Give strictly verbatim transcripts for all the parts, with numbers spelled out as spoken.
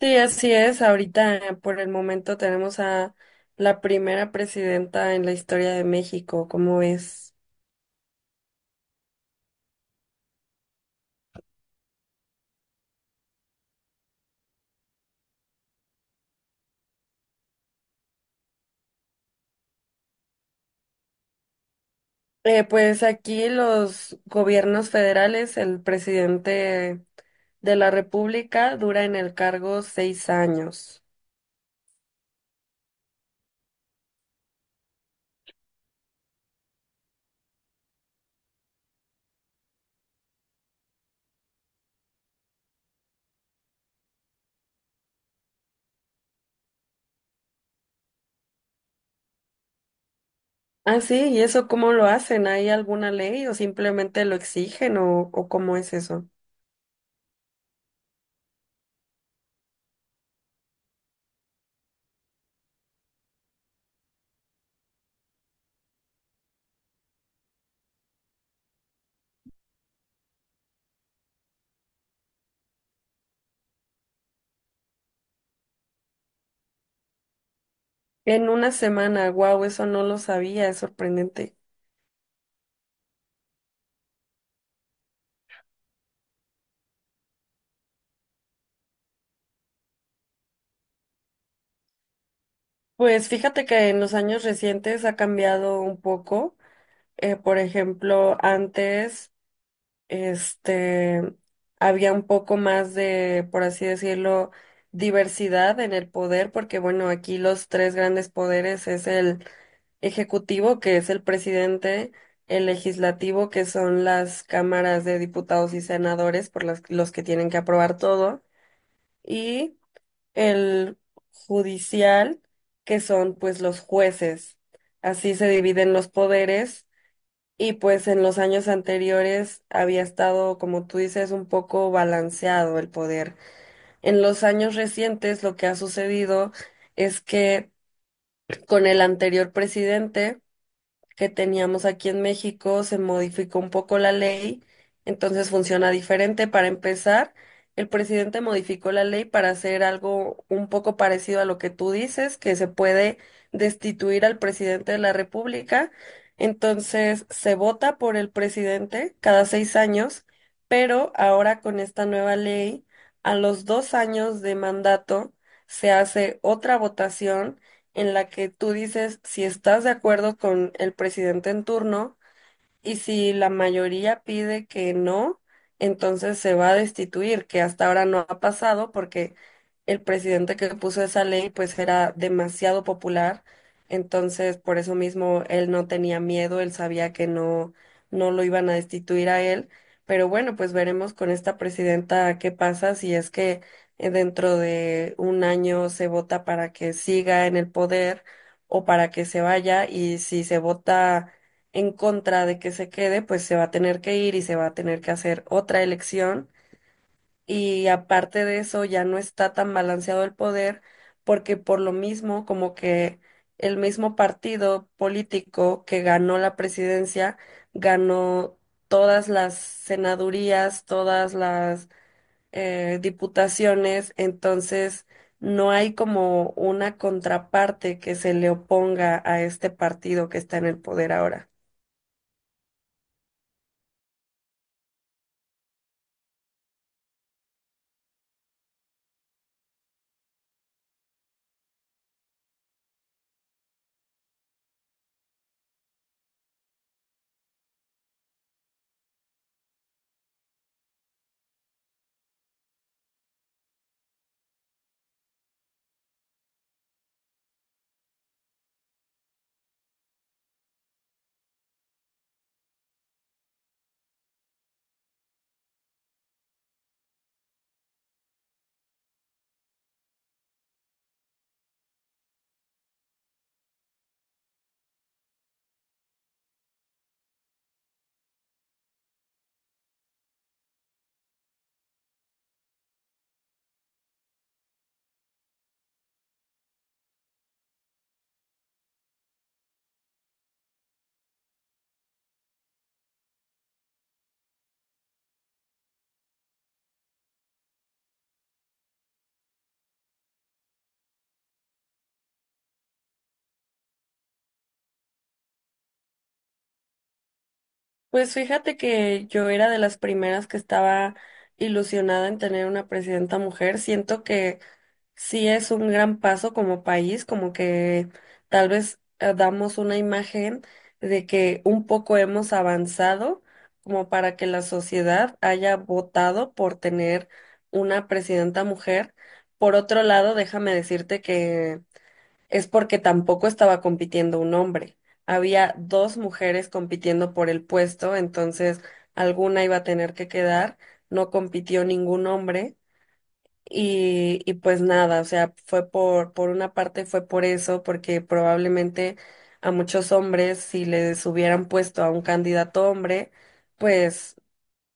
Sí, así es. Ahorita, eh, por el momento, tenemos a la primera presidenta en la historia de México, ¿cómo es? Eh, pues aquí los gobiernos federales, el presidente de la República dura en el cargo seis años. Ah, sí, ¿y eso cómo lo hacen? ¿Hay alguna ley o simplemente lo exigen o, o cómo es eso? En una semana, wow, eso no lo sabía, es sorprendente. Pues fíjate que en los años recientes ha cambiado un poco. Eh, por ejemplo, antes, este, había un poco más de, por así decirlo, diversidad en el poder, porque bueno, aquí los tres grandes poderes es el ejecutivo, que es el presidente, el legislativo, que son las cámaras de diputados y senadores, por las, los que tienen que aprobar todo, y el judicial, que son pues los jueces. Así se dividen los poderes y pues en los años anteriores había estado, como tú dices, un poco balanceado el poder. En los años recientes lo que ha sucedido es que con el anterior presidente que teníamos aquí en México, se modificó un poco la ley, entonces funciona diferente. Para empezar, el presidente modificó la ley para hacer algo un poco parecido a lo que tú dices, que se puede destituir al presidente de la República. Entonces, se vota por el presidente cada seis años, pero ahora con esta nueva ley, a los dos años de mandato, se hace otra votación en la que tú dices si estás de acuerdo con el presidente en turno y si la mayoría pide que no, entonces se va a destituir, que hasta ahora no ha pasado porque el presidente que puso esa ley pues era demasiado popular, entonces por eso mismo él no tenía miedo, él sabía que no no lo iban a destituir a él, pero bueno, pues veremos con esta presidenta qué pasa si es que eh, dentro de un año se vota para que siga en el poder o para que se vaya, y si se vota en contra de que se quede, pues se va a tener que ir y se va a tener que hacer otra elección. Y aparte de eso, ya no está tan balanceado el poder, porque por lo mismo, como que el mismo partido político que ganó la presidencia, ganó todas las senadurías, todas las eh, diputaciones, entonces no hay como una contraparte que se le oponga a este partido que está en el poder ahora. Pues fíjate que yo era de las primeras que estaba ilusionada en tener una presidenta mujer. Siento que sí es un gran paso como país, como que tal vez eh, damos una imagen de que un poco hemos avanzado como para que la sociedad haya votado por tener una presidenta mujer. Por otro lado, déjame decirte que es porque tampoco estaba compitiendo un hombre. Había dos mujeres compitiendo por el puesto, entonces alguna iba a tener que quedar, no compitió ningún hombre y, y pues nada, o sea, fue por, por una parte fue por eso, porque probablemente a muchos hombres si les hubieran puesto a un candidato hombre, pues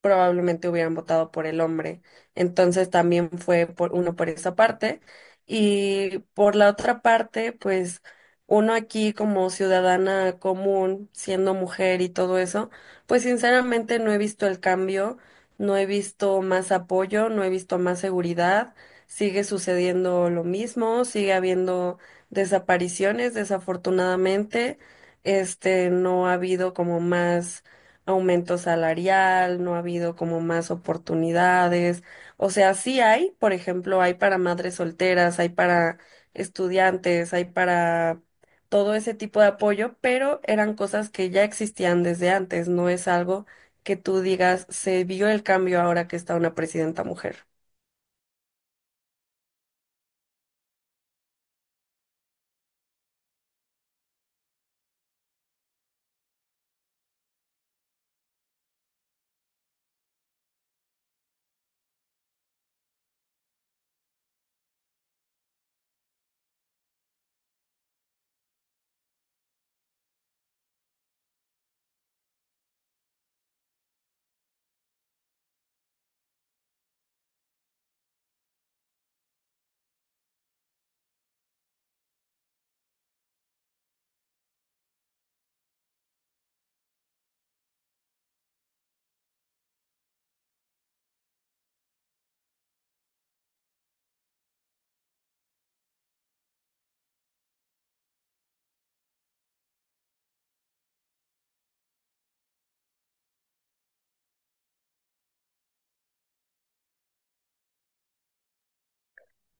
probablemente hubieran votado por el hombre. Entonces también fue por uno por esa parte. Y por la otra parte, pues uno aquí como ciudadana común, siendo mujer y todo eso, pues sinceramente no he visto el cambio, no he visto más apoyo, no he visto más seguridad. Sigue sucediendo lo mismo, sigue habiendo desapariciones, desafortunadamente. Este, no ha habido como más aumento salarial, no ha habido como más oportunidades. O sea, sí hay, por ejemplo, hay para madres solteras, hay para estudiantes, hay para todo ese tipo de apoyo, pero eran cosas que ya existían desde antes, no es algo que tú digas, se vio el cambio ahora que está una presidenta mujer.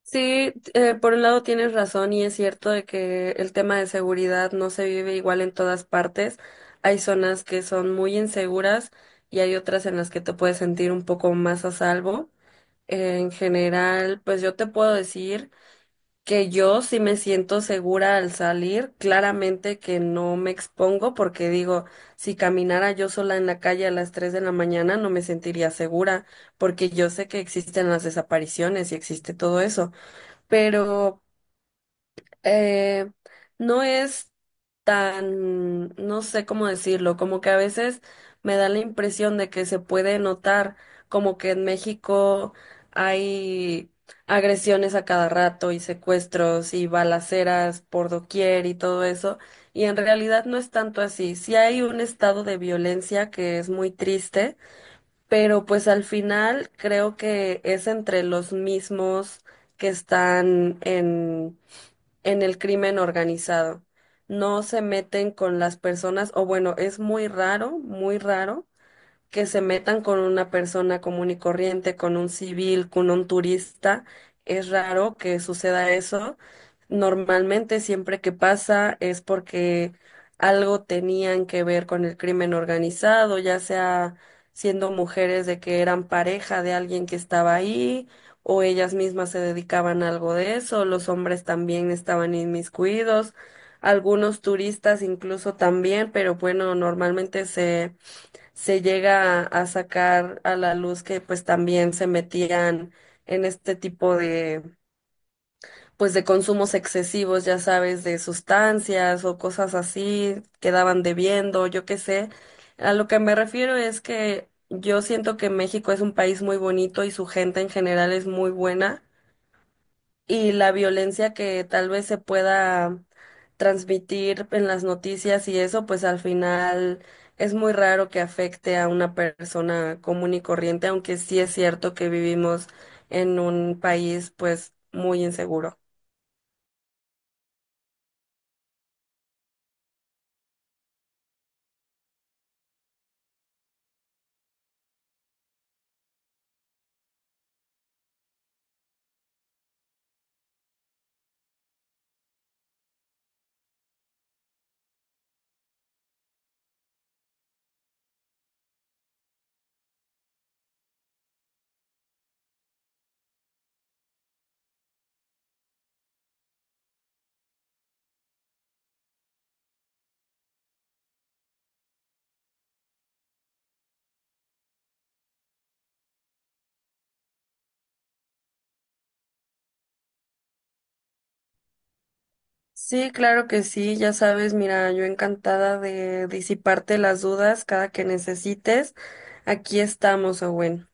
Sí, eh, por un lado tienes razón y es cierto de que el tema de seguridad no se vive igual en todas partes. Hay zonas que son muy inseguras y hay otras en las que te puedes sentir un poco más a salvo. En general, pues yo te puedo decir que yo sí me siento segura al salir. Claramente que no me expongo porque digo, si caminara yo sola en la calle a las tres de la mañana no me sentiría segura porque yo sé que existen las desapariciones y existe todo eso, pero eh, no es tan, no sé cómo decirlo, como que a veces me da la impresión de que se puede notar como que en México hay agresiones a cada rato y secuestros y balaceras por doquier y todo eso, y en realidad no es tanto así. Sí hay un estado de violencia que es muy triste, pero pues al final creo que es entre los mismos que están en en el crimen organizado. No se meten con las personas, o bueno, es muy raro, muy raro que se metan con una persona común y corriente, con un civil, con un turista. Es raro que suceda eso. Normalmente siempre que pasa es porque algo tenían que ver con el crimen organizado, ya sea siendo mujeres de que eran pareja de alguien que estaba ahí, o ellas mismas se dedicaban a algo de eso, los hombres también estaban inmiscuidos, algunos turistas incluso también, pero bueno, normalmente se se llega a sacar a la luz que pues también se metían en este tipo de pues de consumos excesivos, ya sabes, de sustancias o cosas así, quedaban debiendo, yo qué sé. A lo que me refiero es que yo siento que México es un país muy bonito y su gente en general es muy buena, y la violencia que tal vez se pueda transmitir en las noticias y eso, pues al final es muy raro que afecte a una persona común y corriente, aunque sí es cierto que vivimos en un país pues muy inseguro. Sí, claro que sí, ya sabes, mira, yo encantada de disiparte las dudas cada que necesites. Aquí estamos, Owen.